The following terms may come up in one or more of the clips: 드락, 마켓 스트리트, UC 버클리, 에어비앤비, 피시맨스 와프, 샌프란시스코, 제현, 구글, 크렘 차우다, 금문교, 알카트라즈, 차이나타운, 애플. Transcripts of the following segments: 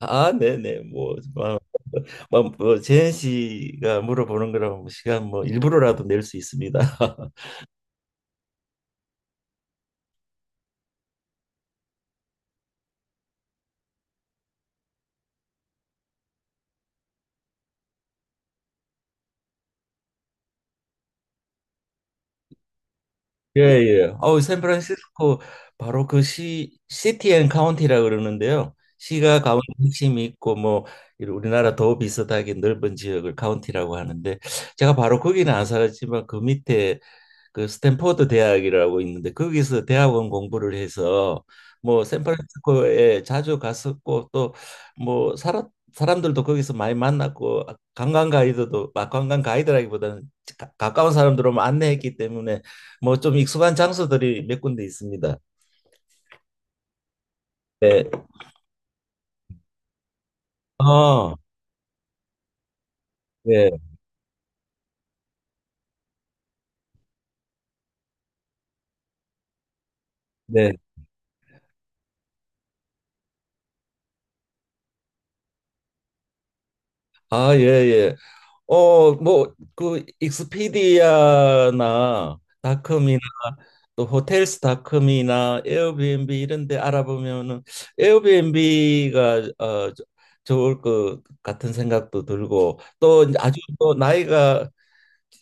아, 네네. 뭐 제현 씨가 물어보는 거라면 뭐 시간 뭐 일부러라도 낼 수 있습니다. 예, 예. 샌프란시스코 바로 그 시티 앤 카운티라 그러는데요. 시가 가운데 핵심이 있고 뭐 이런 우리나라 더 비슷하게 넓은 지역을 카운티라고 하는데 제가 바로 거기는 안 살았지만 그 밑에 그 스탠포드 대학이라고 있는데 거기서 대학원 공부를 해서 뭐 샌프란시스코에 자주 갔었고 또 뭐 살았 사람들도 거기서 많이 만났고 관광 가이드도 막 관광 가이드라기보다는 가까운 사람들 오면 안내했기 때문에 뭐 좀 익숙한 장소들이 몇 군데 있습니다. 네. 아, 네, 네. 아, 예, 예. 뭐, 그, 익스피디아나 닷컴이나 또 호텔스닷컴이나 에어비앤비 이런 데 알아보면은 에어비앤비가 좋을 것 같은 생각도 들고 또 이제 아주 또 나이가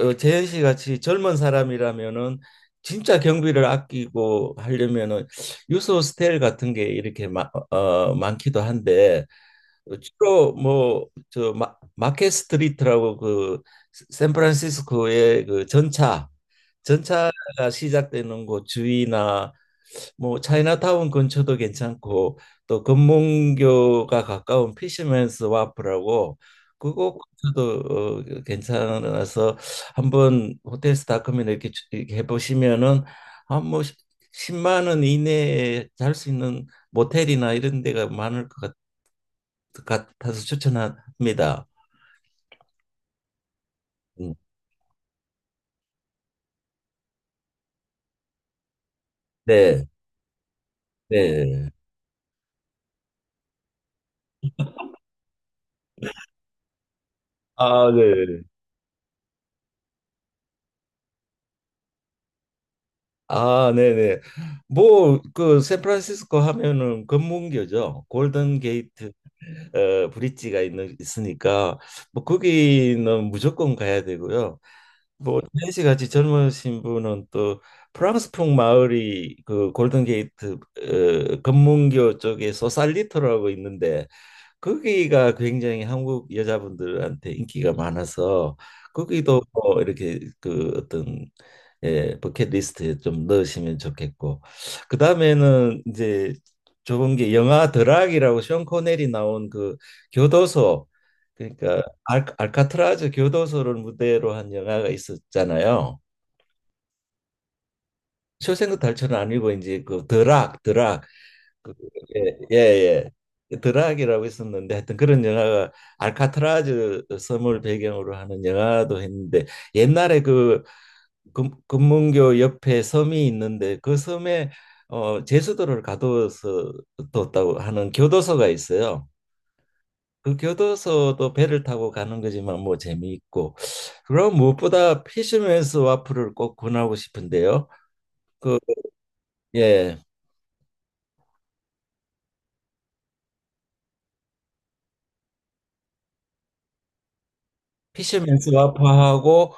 재현 씨 같이 젊은 사람이라면은 진짜 경비를 아끼고 하려면은 유소 호스텔 같은 게 이렇게 많기도 한데 주로 뭐 저 마켓 스트리트라고 그 샌프란시스코의 그 전차가 시작되는 곳 주위나 뭐 차이나타운 근처도 괜찮고 또 금문교가 가까운 피시맨스 와프라고 그곳 도 괜찮아서 한번 호텔 스타컴면 이렇게, 이렇게 해보시면은 한뭐 10만 원 이내에 잘 수 있는 모텔이나 이런 데가 많을 것 같, 같아서 추천합니다. 음, 네, 네. 아, 네. 아, 네네. 뭐, 그, 샌프란시스코 하면은 금문교죠. 골든 게이트 브릿지가 있으니까, 뭐, 거기는 무조건 가야 되고요. 뭐, 태희 씨 같이 젊으신 분은 또 프랑스풍 마을이 그 골든 게이트 금문교 쪽에 소살리토라고 있는데, 거기가 굉장히 한국 여자분들한테 인기가 많아서 거기도 뭐 이렇게 그 어떤 예, 버킷리스트에 좀 넣으시면 좋겠고 그 다음에는 이제 좋은 게 영화 드락이라고 션 코넬이 나온 그 교도소 그러니까 알카트라즈 교도소를 무대로 한 영화가 있었잖아요. 쇼생크 탈출은 아니고 이제 그 드락 그, 예, 예, 예. 드락이라고 있었는데 하여튼 그런 영화가 알카트라즈 섬을 배경으로 하는 영화도 했는데 옛날에 그 금문교 옆에 섬이 있는데 그 섬에 제주도를 가둬서 뒀다고 하는 교도소가 있어요. 그 교도소도 배를 타고 가는 거지만 뭐 재미있고 그럼 무엇보다 피쉬맨스 와플을 꼭 권하고 싶은데요. 예. 피셔맨스 와퍼하고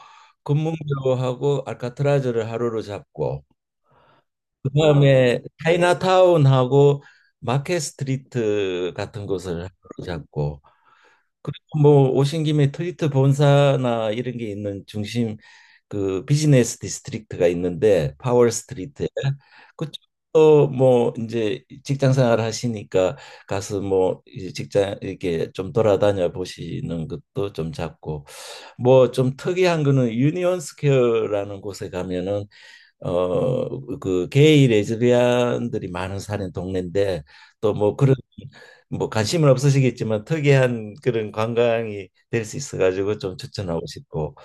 금문교하고 알카트라즈를 하루로 잡고 그다음에 차이나타운하고 마켓 스트리트 같은 곳을 하루로 잡고 그리고 뭐 오신 김에 트위터 본사나 이런 게 있는 중심 그 비즈니스 디스트릭트가 있는데 파월 스트리트에 그쪽도 뭐 이제 직장 생활 하시니까 가서 뭐 이제 직장 이렇게 좀 돌아다녀 보시는 것도 좀 잡고 뭐 좀 특이한 거는 유니온 스퀘어라는 곳에 가면은 어 그 게이 레즈비언들이 많은 사는 동네인데 또 뭐 그런 뭐 관심은 없으시겠지만 특이한 그런 관광이 될 수 있어가지고 좀 추천하고 싶고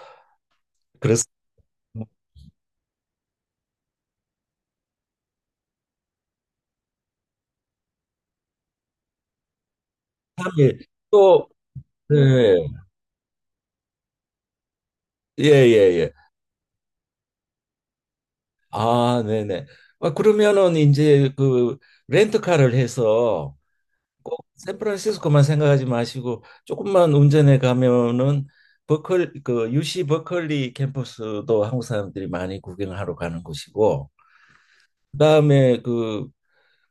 그래서 다또 네. 예예예 아 네네 아, 그러면은 이제 그 렌트카를 해서 꼭 샌프란시스코만 생각하지 마시고 조금만 운전해 가면은 버클 그 UC 버클리 캠퍼스도 한국 사람들이 많이 구경하러 가는 곳이고 그다음에 그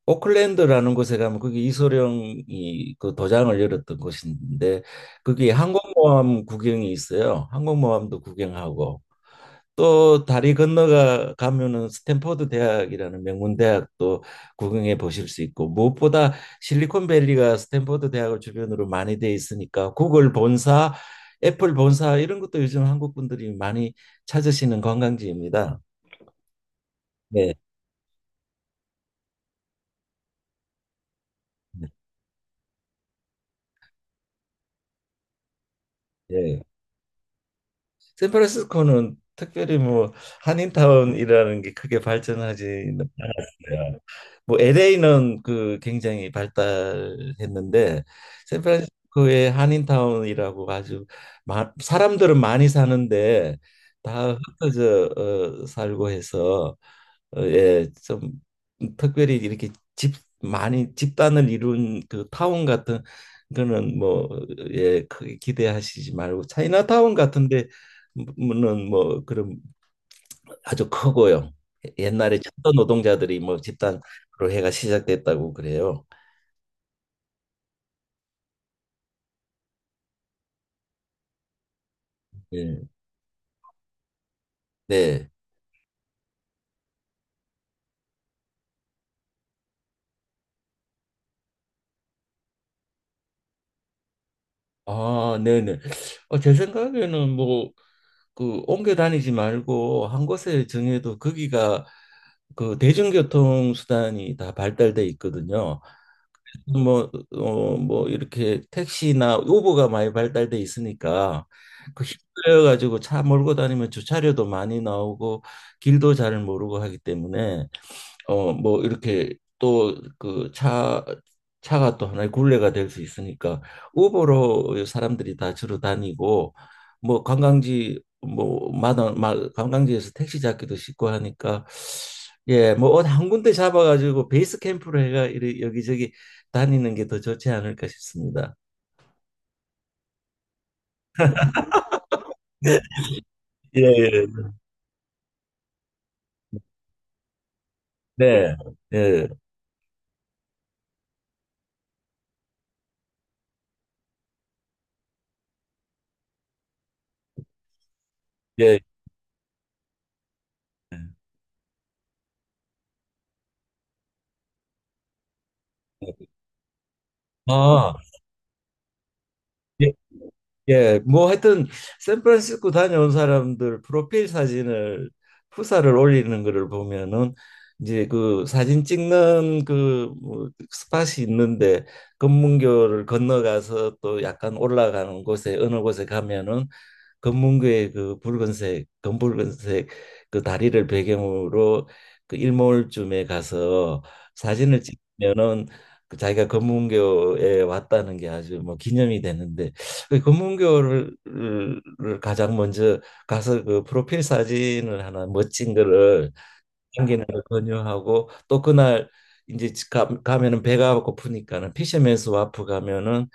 오클랜드라는 곳에 가면 그게 이소룡이 그 도장을 열었던 곳인데 그게 항공모함 구경이 있어요. 항공모함도 구경하고 또 다리 건너가 가면은 스탠퍼드 대학이라는 명문 대학도 구경해 보실 수 있고 무엇보다 실리콘밸리가 스탠퍼드 대학을 주변으로 많이 돼 있으니까 구글 본사, 애플 본사 이런 것도 요즘 한국 분들이 많이 찾으시는 관광지입니다. 네. 네. 예. 샌프란시스코는 특별히 뭐 한인타운이라는 게 크게 발전하지 뭐 LA는 그 굉장히 발달했는데 샌프란시스코의 한인타운이라고 아주 사람들은 많이 사는데 다 흩어져 살고 해서 예, 좀 특별히 이렇게 집 많이 집단을 이룬 그 타운 같은 거는 뭐 예, 크게 기대하시지 말고 차이나타운 같은데 는 뭐 그런 아주 크고요. 옛날에 철도 노동자들이 뭐 집단으로 해가 시작됐다고 그래요. 네. 네. 아, 네네. 제 생각에는 뭐 그 옮겨 다니지 말고 한 곳에 정해도 거기가 그 대중교통 수단이 다 발달돼 있거든요. 뭐 이렇게 택시나 우버가 많이 발달돼 있으니까 그 힘들어 가지고 차 몰고 다니면 주차료도 많이 나오고 길도 잘 모르고 하기 때문에 뭐 이렇게 또 그 차가 또 하나의 굴레가 될 수 있으니까 우버로 사람들이 다 주로 다니고 뭐 관광지 뭐 관광지에서 택시 잡기도 쉽고 하니까 예, 뭐 어디 한 군데 잡아가지고 베이스 캠프로 해가 여기저기 다니는 게 더 좋지 않을까 싶습니다. 예, 예. 네. 예, 예. 아, 예, 뭐 하여튼 샌프란시스코 다녀온 사람들 프로필 사진을 후사를 올리는 거를 보면은 이제 그 사진 찍는 그뭐 스팟이 있는데 금문교를 건너가서 또 약간 올라가는 곳에 어느 곳에 가면은 검문고의 그 붉은색 검붉은색 그 다리를 배경으로 그 일몰쯤에 가서 사진을 찍으면은 그 자기가 검문교에 왔다는 게 아주 뭐 기념이 되는데 그 검문교를 가장 먼저 가서 그 프로필 사진을 하나 멋진 거를 당기는 걸 권유하고 또 그날 이제 가면은 배가 고프니까는 피시맨스 와프 가면은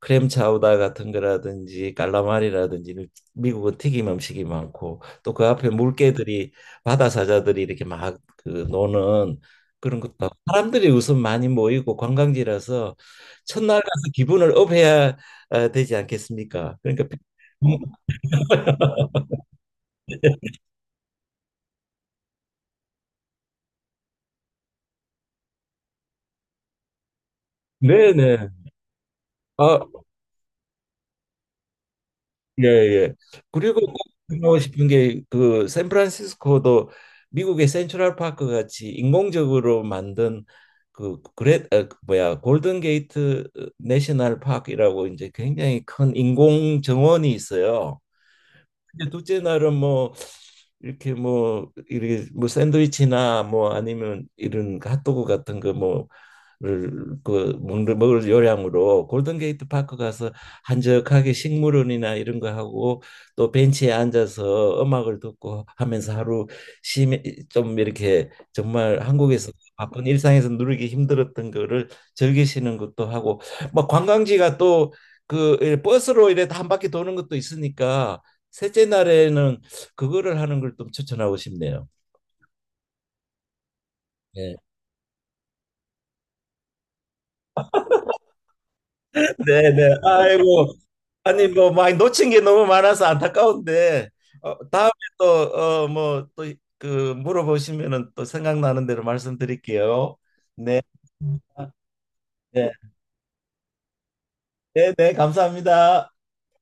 크렘 차우다 같은 거라든지 깔라마리라든지 미국은 튀김 음식이 많고 또 그 앞에 물개들이 바다 사자들이 이렇게 막 그 노는 그런 것도 하고 사람들이 우선 많이 모이고 관광지라서 첫날 가서 기분을 업해야 아, 되지 않겠습니까? 그러니까 네네. 아, 예, 예. 그리고 꼭 하고 싶은 게 그 샌프란시스코도 미국의 센트럴 파크 같이 인공적으로 만든 그 뭐야 골든 게이트 내셔널 파크라고 이제 굉장히 큰 인공 정원이 있어요. 이제 둘째 날은 뭐 이렇게 뭐 샌드위치나 뭐 아니면 이런 그 핫도그 같은 거 뭐를 그 먹는 먹을 요량으로 골든게이트 파크 가서 한적하게 식물원이나 이런 거 하고 또 벤치에 앉아서 음악을 듣고 하면서 하루 심해 좀 이렇게 정말 한국에서 바쁜 일상에서 누리기 힘들었던 거를 즐기시는 것도 하고 뭐 관광지가 또 그 버스로 이래 한 바퀴 도는 것도 있으니까 셋째 날에는 그거를 하는 걸 좀 추천하고 싶네요. 네. 네네. 아이고. 아니 뭐 많이 놓친 게 너무 많아서 안타까운데 다음에 또어뭐또그 물어보시면은 또 생각나는 대로 말씀드릴게요. 네. 네. 네, 네, 감사합니다.